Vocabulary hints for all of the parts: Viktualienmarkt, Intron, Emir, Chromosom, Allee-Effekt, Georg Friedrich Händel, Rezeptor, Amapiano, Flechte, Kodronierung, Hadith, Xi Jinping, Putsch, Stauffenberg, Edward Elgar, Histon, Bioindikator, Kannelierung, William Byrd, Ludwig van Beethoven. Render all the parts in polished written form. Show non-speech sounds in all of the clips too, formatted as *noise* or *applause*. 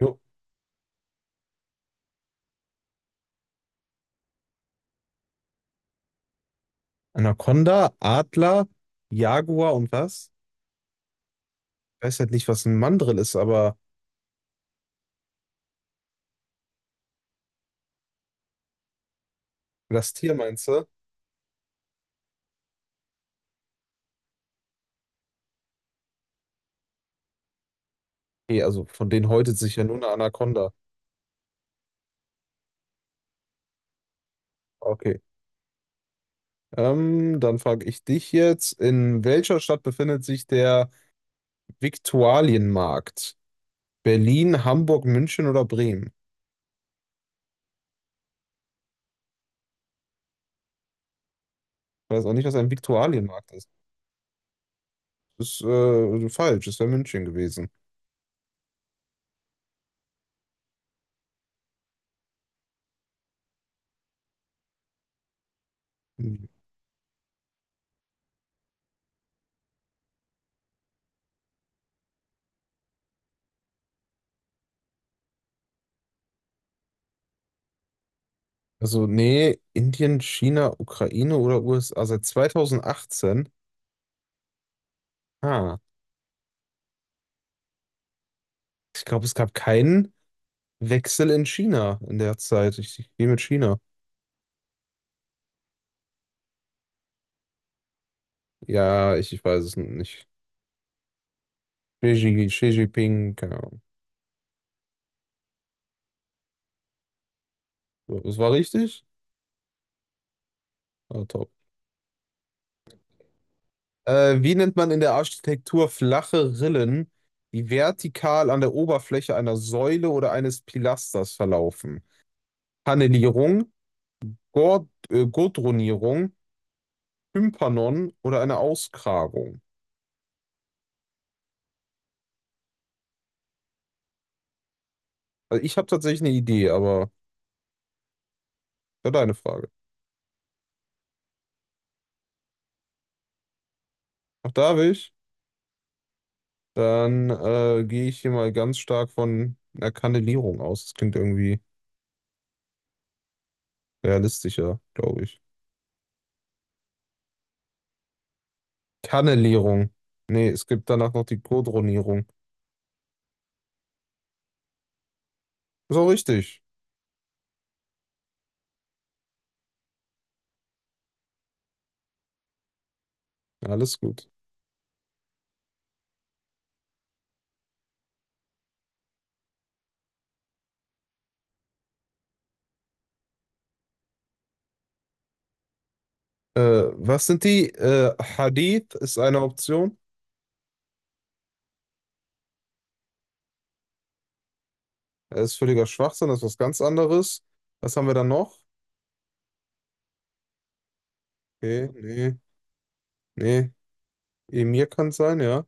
Jo. Anaconda, Adler, Jaguar und was? Ich weiß halt nicht, was ein Mandrill ist, aber das Tier meinst du? Nee, also von denen häutet sich ja nur eine Anaconda. Okay. Dann frage ich dich jetzt, in welcher Stadt befindet sich der Viktualienmarkt? Berlin, Hamburg, München oder Bremen? Ich weiß auch nicht, was ein Viktualienmarkt ist. Das ist falsch, es wäre München gewesen. Also, nee, Indien, China, Ukraine oder USA seit 2018. Ah. Ich glaube, es gab keinen Wechsel in China in der Zeit. Ich gehe mit China. Ja, ich weiß es nicht. Xi, Xi Jinping, keine Ahnung. So, das war richtig? Ah, top. Wie nennt man in der Architektur flache Rillen, die vertikal an der Oberfläche einer Säule oder eines Pilasters verlaufen? Kannelierung, Gordronierung, Tympanon oder eine Auskragung? Also ich habe tatsächlich eine Idee, aber ja, deine Frage. Auch da will ich. Dann gehe ich hier mal ganz stark von einer Kannelierung aus. Das klingt irgendwie realistischer, glaube ich. Kannelierung. Nee, es gibt danach noch die Kodronierung. Ist auch richtig. Ja, alles gut. Äh, Was sind die? Hadith ist eine Option. Das ist völliger Schwachsinn, das ist was ganz anderes. Was haben wir dann noch? Okay, nee, nee. Emir kann sein, ja.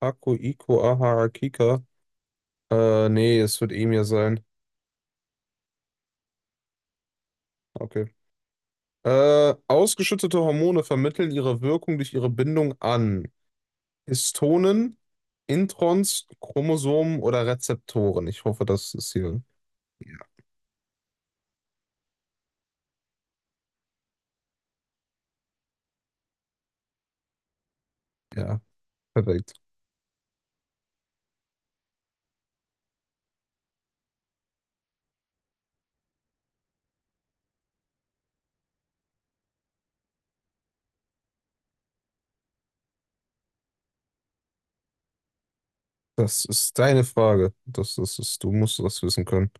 Haku, Iko, Aha, Akika. Nee, es wird Emir sein. Okay. Ausgeschüttete Hormone vermitteln ihre Wirkung durch ihre Bindung an Histonen, Introns, Chromosomen oder Rezeptoren. Ich hoffe, das ist hier. Ja, perfekt. Das ist deine Frage. Das ist, du musst das wissen können.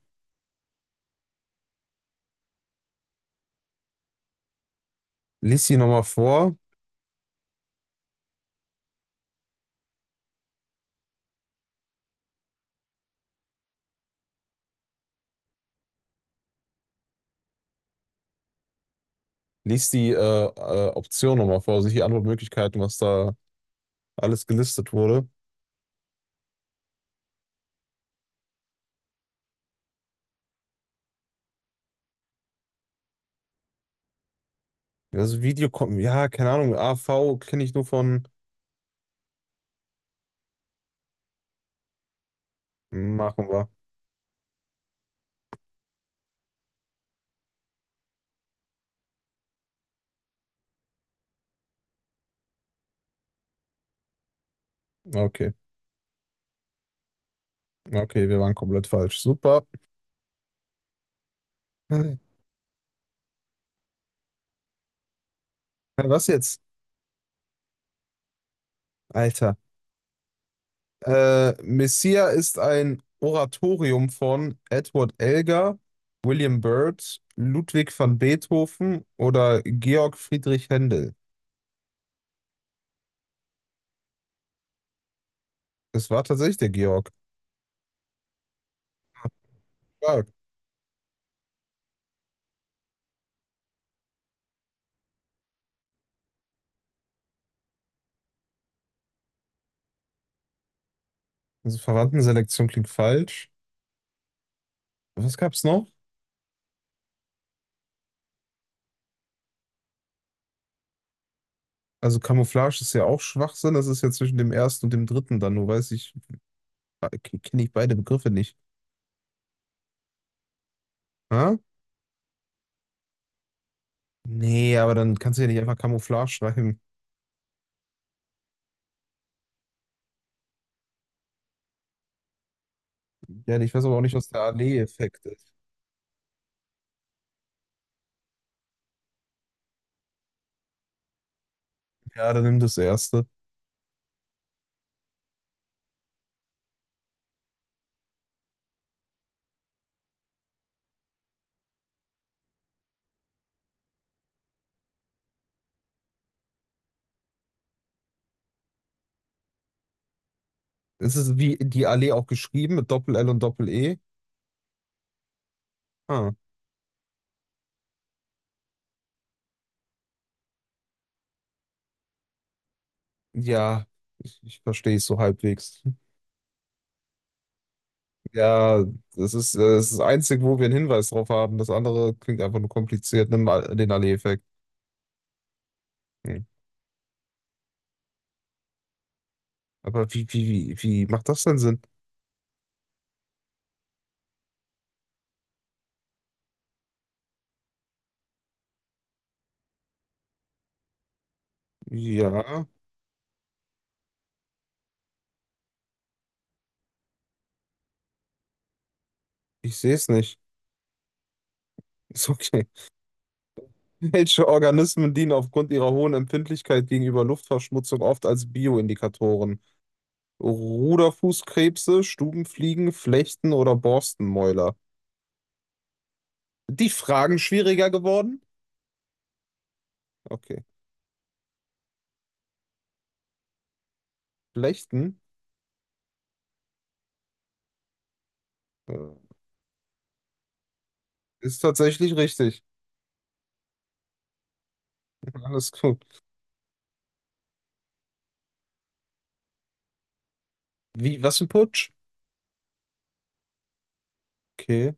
Lies die nochmal vor. Lies die Option nochmal vor, also die Antwortmöglichkeiten, was da alles gelistet wurde. Also Video kommt, ja, keine Ahnung, AV kenne ich nur von. Machen wir. Okay, okay, wir waren komplett falsch. Super. *laughs* Was jetzt? Alter. Messia ist ein Oratorium von Edward Elgar, William Byrd, Ludwig van Beethoven oder Georg Friedrich Händel. Es war tatsächlich der Georg. Stark. Also Verwandtenselektion klingt falsch. Was gab's noch? Also Camouflage ist ja auch Schwachsinn. Das ist ja zwischen dem ersten und dem dritten dann. Nur kenne ich beide Begriffe nicht. Ha? Nee, aber dann kannst du ja nicht einfach Camouflage schreiben. Ja, ich weiß aber auch nicht, was der Allee-Effekt ist. Ja, dann nimm das erste. Es ist wie die Allee auch geschrieben mit Doppel-L und Doppel-E. Ah, ja, ich verstehe es so halbwegs. Ja, das ist das Einzige, wo wir einen Hinweis drauf haben. Das andere klingt einfach nur kompliziert. Nimm mal den Allee-Effekt. Hm. Aber wie macht das denn Sinn? Ja, ich sehe es nicht. Ist okay. *laughs* Welche Organismen dienen aufgrund ihrer hohen Empfindlichkeit gegenüber Luftverschmutzung oft als Bioindikatoren? Ruderfußkrebse, Stubenfliegen, Flechten oder Borstenmäuler? Die Fragen schwieriger geworden? Okay. Flechten? Äh, Ist tatsächlich richtig. Alles gut. Wie, was ein Putsch? Okay.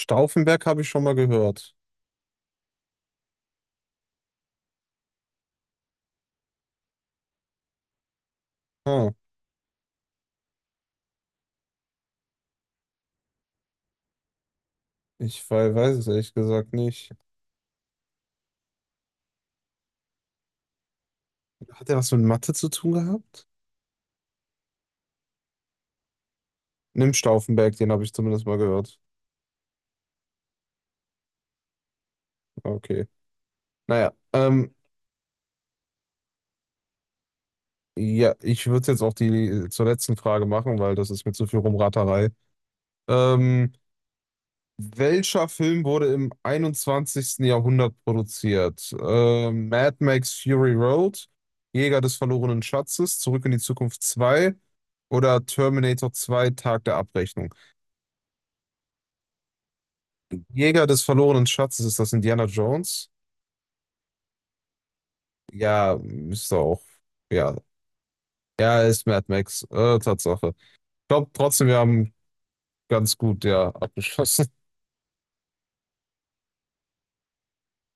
Stauffenberg habe ich schon mal gehört. Ah, weiß es ehrlich gesagt nicht. Hat er was mit Mathe zu tun gehabt? Nimm Stauffenberg, den habe ich zumindest mal gehört. Okay. Naja, ja, ich würde jetzt auch die zur letzten Frage machen, weil das ist mir zu viel Rumraterei. Ähm, Welcher Film wurde im einundzwanzigsten Jahrhundert produziert? Mad Max Fury Road, Jäger des verlorenen Schatzes, Zurück in die Zukunft 2 oder Terminator 2 Tag der Abrechnung? Jäger des verlorenen Schatzes, ist das Indiana Jones? Ja, müsste auch. Ja, ja, ist Mad Max. Tatsache. Ich glaube trotzdem, wir haben ganz gut ja abgeschlossen.